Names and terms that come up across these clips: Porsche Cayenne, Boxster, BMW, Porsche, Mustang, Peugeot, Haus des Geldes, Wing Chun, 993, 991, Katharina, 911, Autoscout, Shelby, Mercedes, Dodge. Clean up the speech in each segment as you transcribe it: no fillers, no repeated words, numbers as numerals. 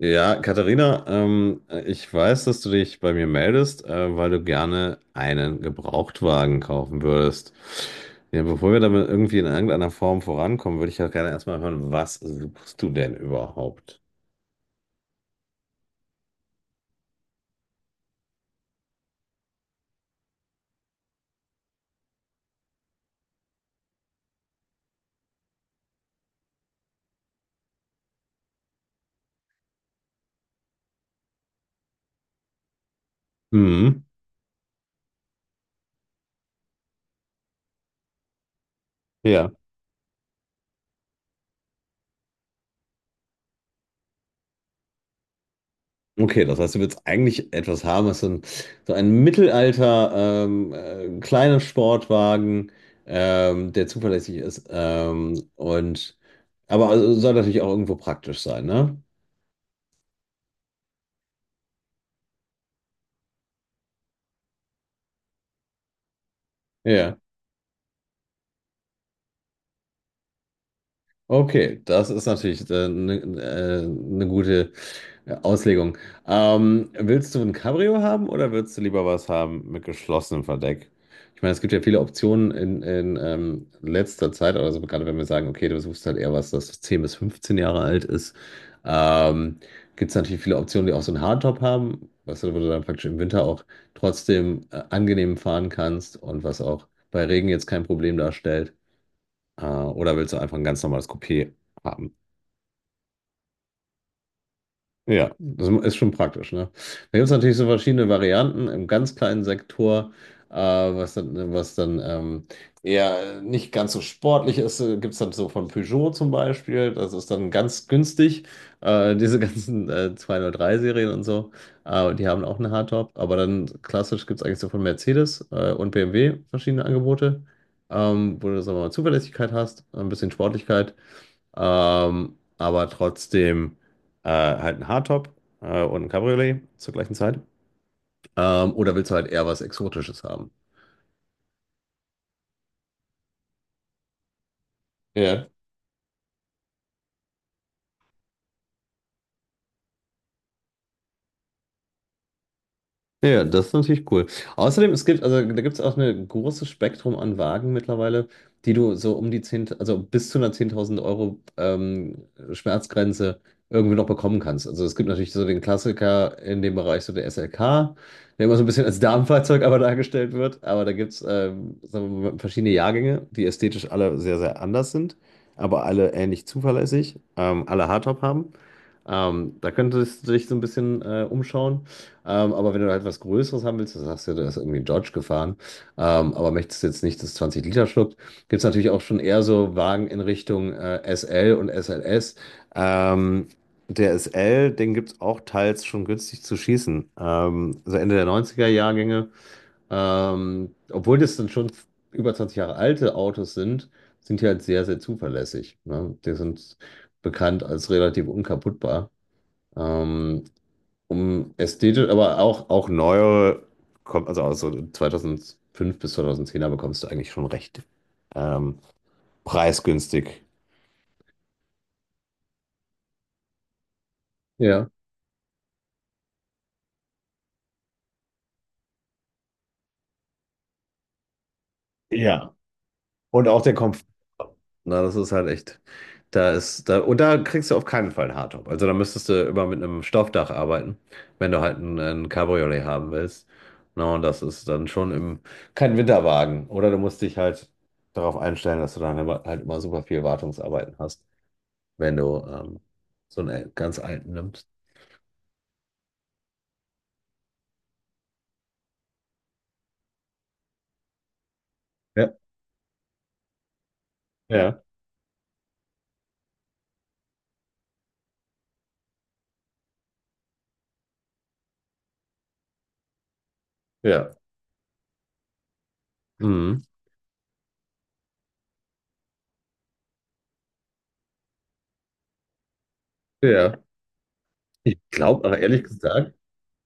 Ja, Katharina, ich weiß, dass du dich bei mir meldest, weil du gerne einen Gebrauchtwagen kaufen würdest. Ja, bevor wir damit irgendwie in irgendeiner Form vorankommen, würde ich ja gerne erstmal hören, was suchst du denn überhaupt? Mhm. Ja. Okay, das heißt, du willst eigentlich etwas haben, was so ein Mittelalter, kleiner Sportwagen, der zuverlässig ist, aber also soll natürlich auch irgendwo praktisch sein, ne? Ja. Okay, das ist natürlich eine ne gute Auslegung. Willst du ein Cabrio haben oder willst du lieber was haben mit geschlossenem Verdeck? Ich meine, es gibt ja viele Optionen in letzter Zeit, also gerade wenn wir sagen, okay, du suchst halt eher was, das 10 bis 15 Jahre alt ist, ähm, gibt es natürlich viele Optionen, die auch so einen Hardtop haben, wo du dann praktisch im Winter auch trotzdem angenehm fahren kannst und was auch bei Regen jetzt kein Problem darstellt. Oder willst du einfach ein ganz normales Coupé haben? Ja, das ist schon praktisch, ne? Da gibt es natürlich so verschiedene Varianten im ganz kleinen Sektor, was dann eher nicht ganz so sportlich ist. Gibt es dann so von Peugeot zum Beispiel, das ist dann ganz günstig. Diese ganzen 203-Serien und so, die haben auch eine Hardtop. Aber dann klassisch gibt es eigentlich so von Mercedes und BMW verschiedene Angebote, wo du, sagen wir mal, Zuverlässigkeit hast, ein bisschen Sportlichkeit. Aber trotzdem halt ein Hardtop und ein Cabriolet zur gleichen Zeit. Oder willst du halt eher was Exotisches haben? Ja. Ja, ja, das ist natürlich cool. Außerdem, es gibt, also da gibt es auch ein großes Spektrum an Wagen mittlerweile, die du so um die 10, also bis zu einer 10.000 Euro Schmerzgrenze irgendwie noch bekommen kannst. Also es gibt natürlich so den Klassiker in dem Bereich, so der SLK, der immer so ein bisschen als Damenfahrzeug aber dargestellt wird. Aber da gibt es sagen wir mal, verschiedene Jahrgänge, die ästhetisch alle sehr, sehr anders sind, aber alle ähnlich zuverlässig, alle Hardtop haben. Da könntest du dich so ein bisschen umschauen. Aber wenn du halt was Größeres haben willst, das sagst du, da ist irgendwie ein Dodge gefahren, aber möchtest jetzt nicht das 20 Liter schluckt, gibt es natürlich auch schon eher so Wagen in Richtung SL und SLS. Ähm, der SL, den gibt es auch teils schon günstig zu schießen. Also Ende der 90er Jahrgänge, obwohl das dann schon über 20 Jahre alte Autos sind, sind die halt sehr, sehr zuverlässig. Ne? Die sind bekannt als relativ unkaputtbar. Ähm, um ästhetisch, aber auch neuere, kommt, also aus so 2005 bis 2010er bekommst du eigentlich schon recht ähm, preisgünstig. Ja. Ja. Und auch der Komfort. Na, das ist halt echt. Da ist, da, und da kriegst du auf keinen Fall einen Hardtop. Also da müsstest du immer mit einem Stoffdach arbeiten, wenn du halt ein Cabriolet haben willst. Na, und das ist dann schon kein Winterwagen. Oder du musst dich halt darauf einstellen, dass du dann immer, halt immer super viel Wartungsarbeiten hast. Wenn du so einen ganz alten nimmst. Ja, ja, ja. Mhm. Ja. Ich glaube aber ehrlich gesagt,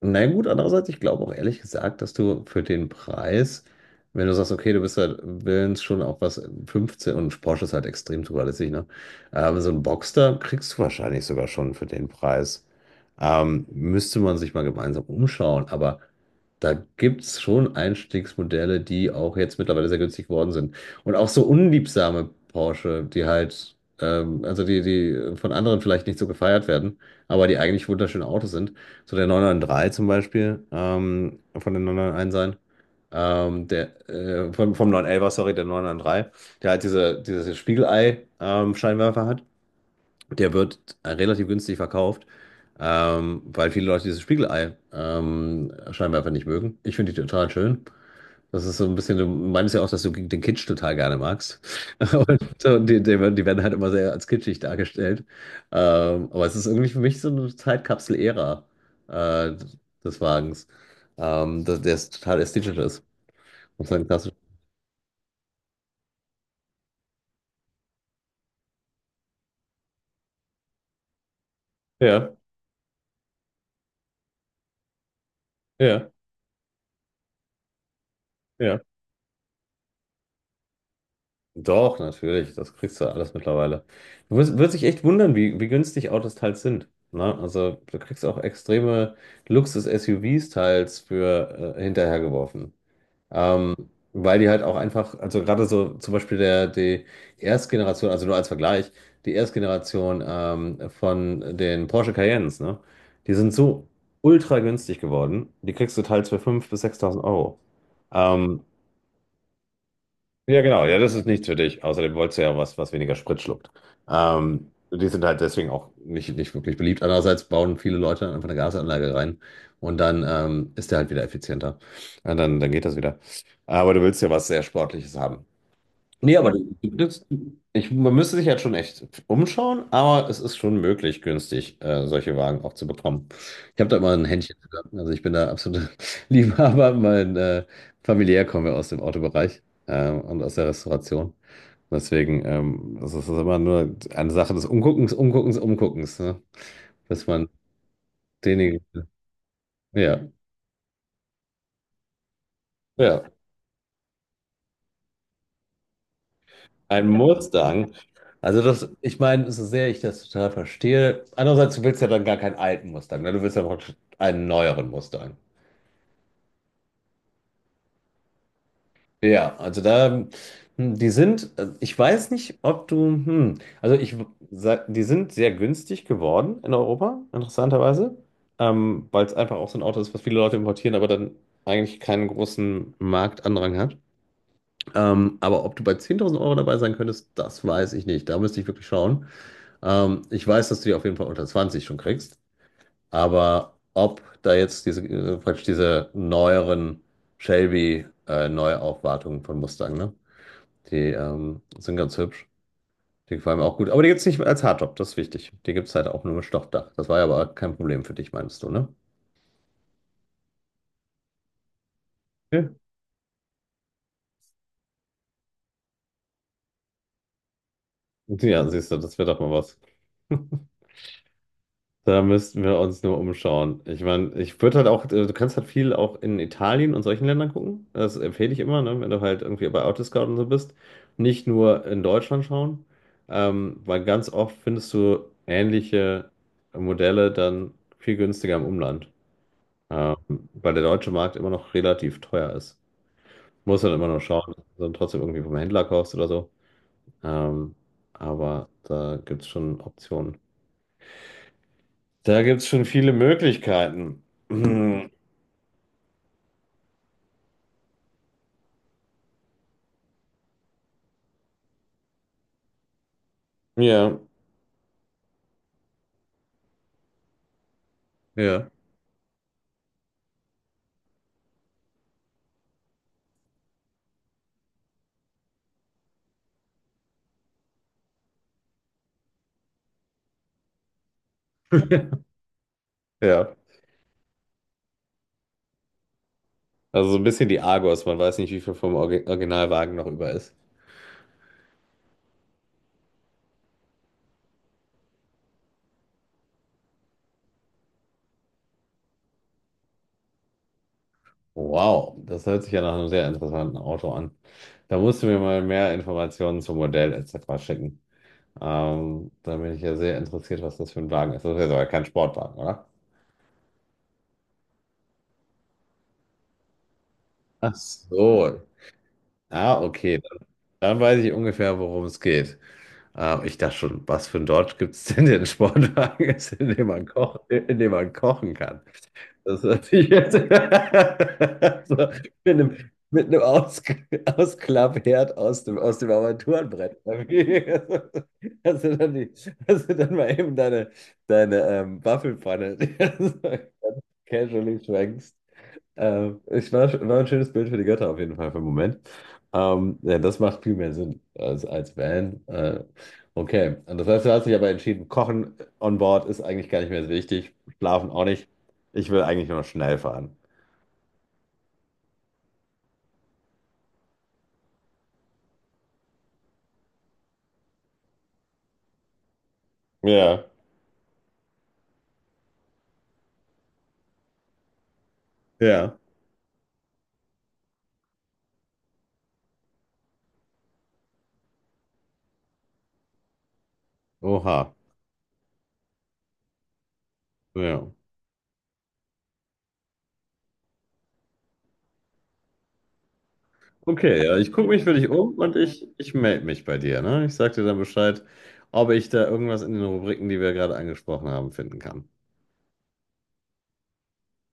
na gut, andererseits, ich glaube auch ehrlich gesagt, dass du für den Preis, wenn du sagst, okay, du bist halt willens schon auf was 15 und Porsche ist halt extrem zuverlässig, ne? So ein Boxster kriegst du wahrscheinlich sogar schon für den Preis. Müsste man sich mal gemeinsam umschauen, aber da gibt es schon Einstiegsmodelle, die auch jetzt mittlerweile sehr günstig geworden sind. Und auch so unliebsame Porsche, die halt, also die von anderen vielleicht nicht so gefeiert werden, aber die eigentlich wunderschöne Autos sind. So der 993 zum Beispiel, von den 991 sein. Vom 911er, sorry, der 993, der halt dieses Spiegelei-Scheinwerfer hat. Der wird relativ günstig verkauft, weil viele Leute dieses Spiegelei-Scheinwerfer nicht mögen. Ich finde die total schön. Das ist so ein bisschen, du meinst ja auch, dass du den Kitsch total gerne magst. Und die werden halt immer sehr als kitschig dargestellt. Aber es ist irgendwie für mich so eine Zeitkapsel-Ära äh, des Wagens, dass der total ästhetisch ist. Und sein klassisch. Ja, ja, ja. Doch, natürlich. Das kriegst du alles mittlerweile. Du wirst dich echt wundern, wie günstig Autos teils sind. Ne? Also du kriegst auch extreme Luxus-SUVs teils für hinterhergeworfen. Ähm, weil die halt auch einfach, also gerade so zum Beispiel die Erstgeneration, also nur als Vergleich, die Erstgeneration von den Porsche Cayennes, ne? Die sind so ultra günstig geworden, die kriegst du teils für 5.000 bis 6.000 Euro. Ähm, ja, genau. Ja, das ist nichts für dich. Außerdem wolltest du ja was, was weniger Sprit schluckt. Die sind halt deswegen auch nicht wirklich beliebt. Andererseits bauen viele Leute einfach eine Gasanlage rein und dann ist der halt wieder effizienter. Ja, dann geht das wieder. Aber du willst ja was sehr Sportliches haben. Nee, aber man müsste sich halt schon echt umschauen, aber es ist schon möglich, günstig solche Wagen auch zu bekommen. Ich habe da immer ein Händchen für. Also ich bin da absoluter Liebhaber. Mein familiär kommen wir aus dem Autobereich und aus der Restauration. Deswegen also es ist immer nur eine Sache des Umguckens, Umguckens, Umguckens, ne? Dass man denjenigen. Ja, ja. Ein Mustang. Also das, ich meine, so sehr ich das total verstehe. Andererseits, du willst ja dann gar keinen alten Mustang, ne? Du willst ja praktisch einen neueren Mustang. Ja, also da, die sind, ich weiß nicht, ob du, also ich, die sind sehr günstig geworden in Europa, interessanterweise, weil es einfach auch so ein Auto ist, was viele Leute importieren, aber dann eigentlich keinen großen Marktandrang hat. Aber ob du bei 10.000 Euro dabei sein könntest, das weiß ich nicht. Da müsste ich wirklich schauen. Ich weiß, dass du die auf jeden Fall unter 20 schon kriegst, aber ob da jetzt diese, praktisch diese neueren Shelby Neuaufwartungen von Mustang, ne? Die sind ganz hübsch. Die gefallen mir auch gut. Aber die gibt es nicht als Hardtop, das ist wichtig. Die gibt es halt auch nur mit Stoffdach. Das war ja aber kein Problem für dich, meinst du, ne? Ja. Ja, siehst du, das wird doch mal was. Da müssten wir uns nur umschauen. Ich meine, ich würde halt auch, du kannst halt viel auch in Italien und solchen Ländern gucken. Das empfehle ich immer, ne, wenn du halt irgendwie bei Autoscout und so bist. Nicht nur in Deutschland schauen, weil ganz oft findest du ähnliche Modelle dann viel günstiger im Umland, ähm, weil der deutsche Markt immer noch relativ teuer ist. Muss dann immer noch schauen, dass du dann trotzdem irgendwie vom Händler kaufst oder so. Ähm, aber da gibt es schon Optionen. Da gibt es schon viele Möglichkeiten. Ja, ja, ja. Also so ein bisschen die Argos. Man weiß nicht, wie viel vom Originalwagen noch über ist. Wow, das hört sich ja nach einem sehr interessanten Auto an. Da musst du mir mal mehr Informationen zum Modell etc. schicken. Da bin ich ja sehr interessiert, was das für ein Wagen ist. Das ist jetzt aber kein Sportwagen, oder? Ach so. Ah, okay. Dann weiß ich ungefähr, worum es geht. Ich dachte schon, was für ein Dodge gibt es denn, den Sportwagen ist, in dem man kochen kann? Das hört sich jetzt so mit einem Ausklappherd aus dem Armaturenbrett. Hast du dann, die, hast du dann mal eben deine Waffelpfanne casually schwenkst. War ein schönes Bild für die Götter auf jeden Fall für den Moment. Ja, das macht viel mehr Sinn als Van. Okay, und das heißt, du hast dich aber entschieden, Kochen on Board ist eigentlich gar nicht mehr so wichtig, Schlafen auch nicht. Ich will eigentlich nur noch schnell fahren. Ja. Ja. Oha, ja. Okay, ja, ich gucke mich für dich um und ich melde mich bei dir, ne? Ich sag dir dann Bescheid, ob ich da irgendwas in den Rubriken, die wir gerade angesprochen haben, finden kann.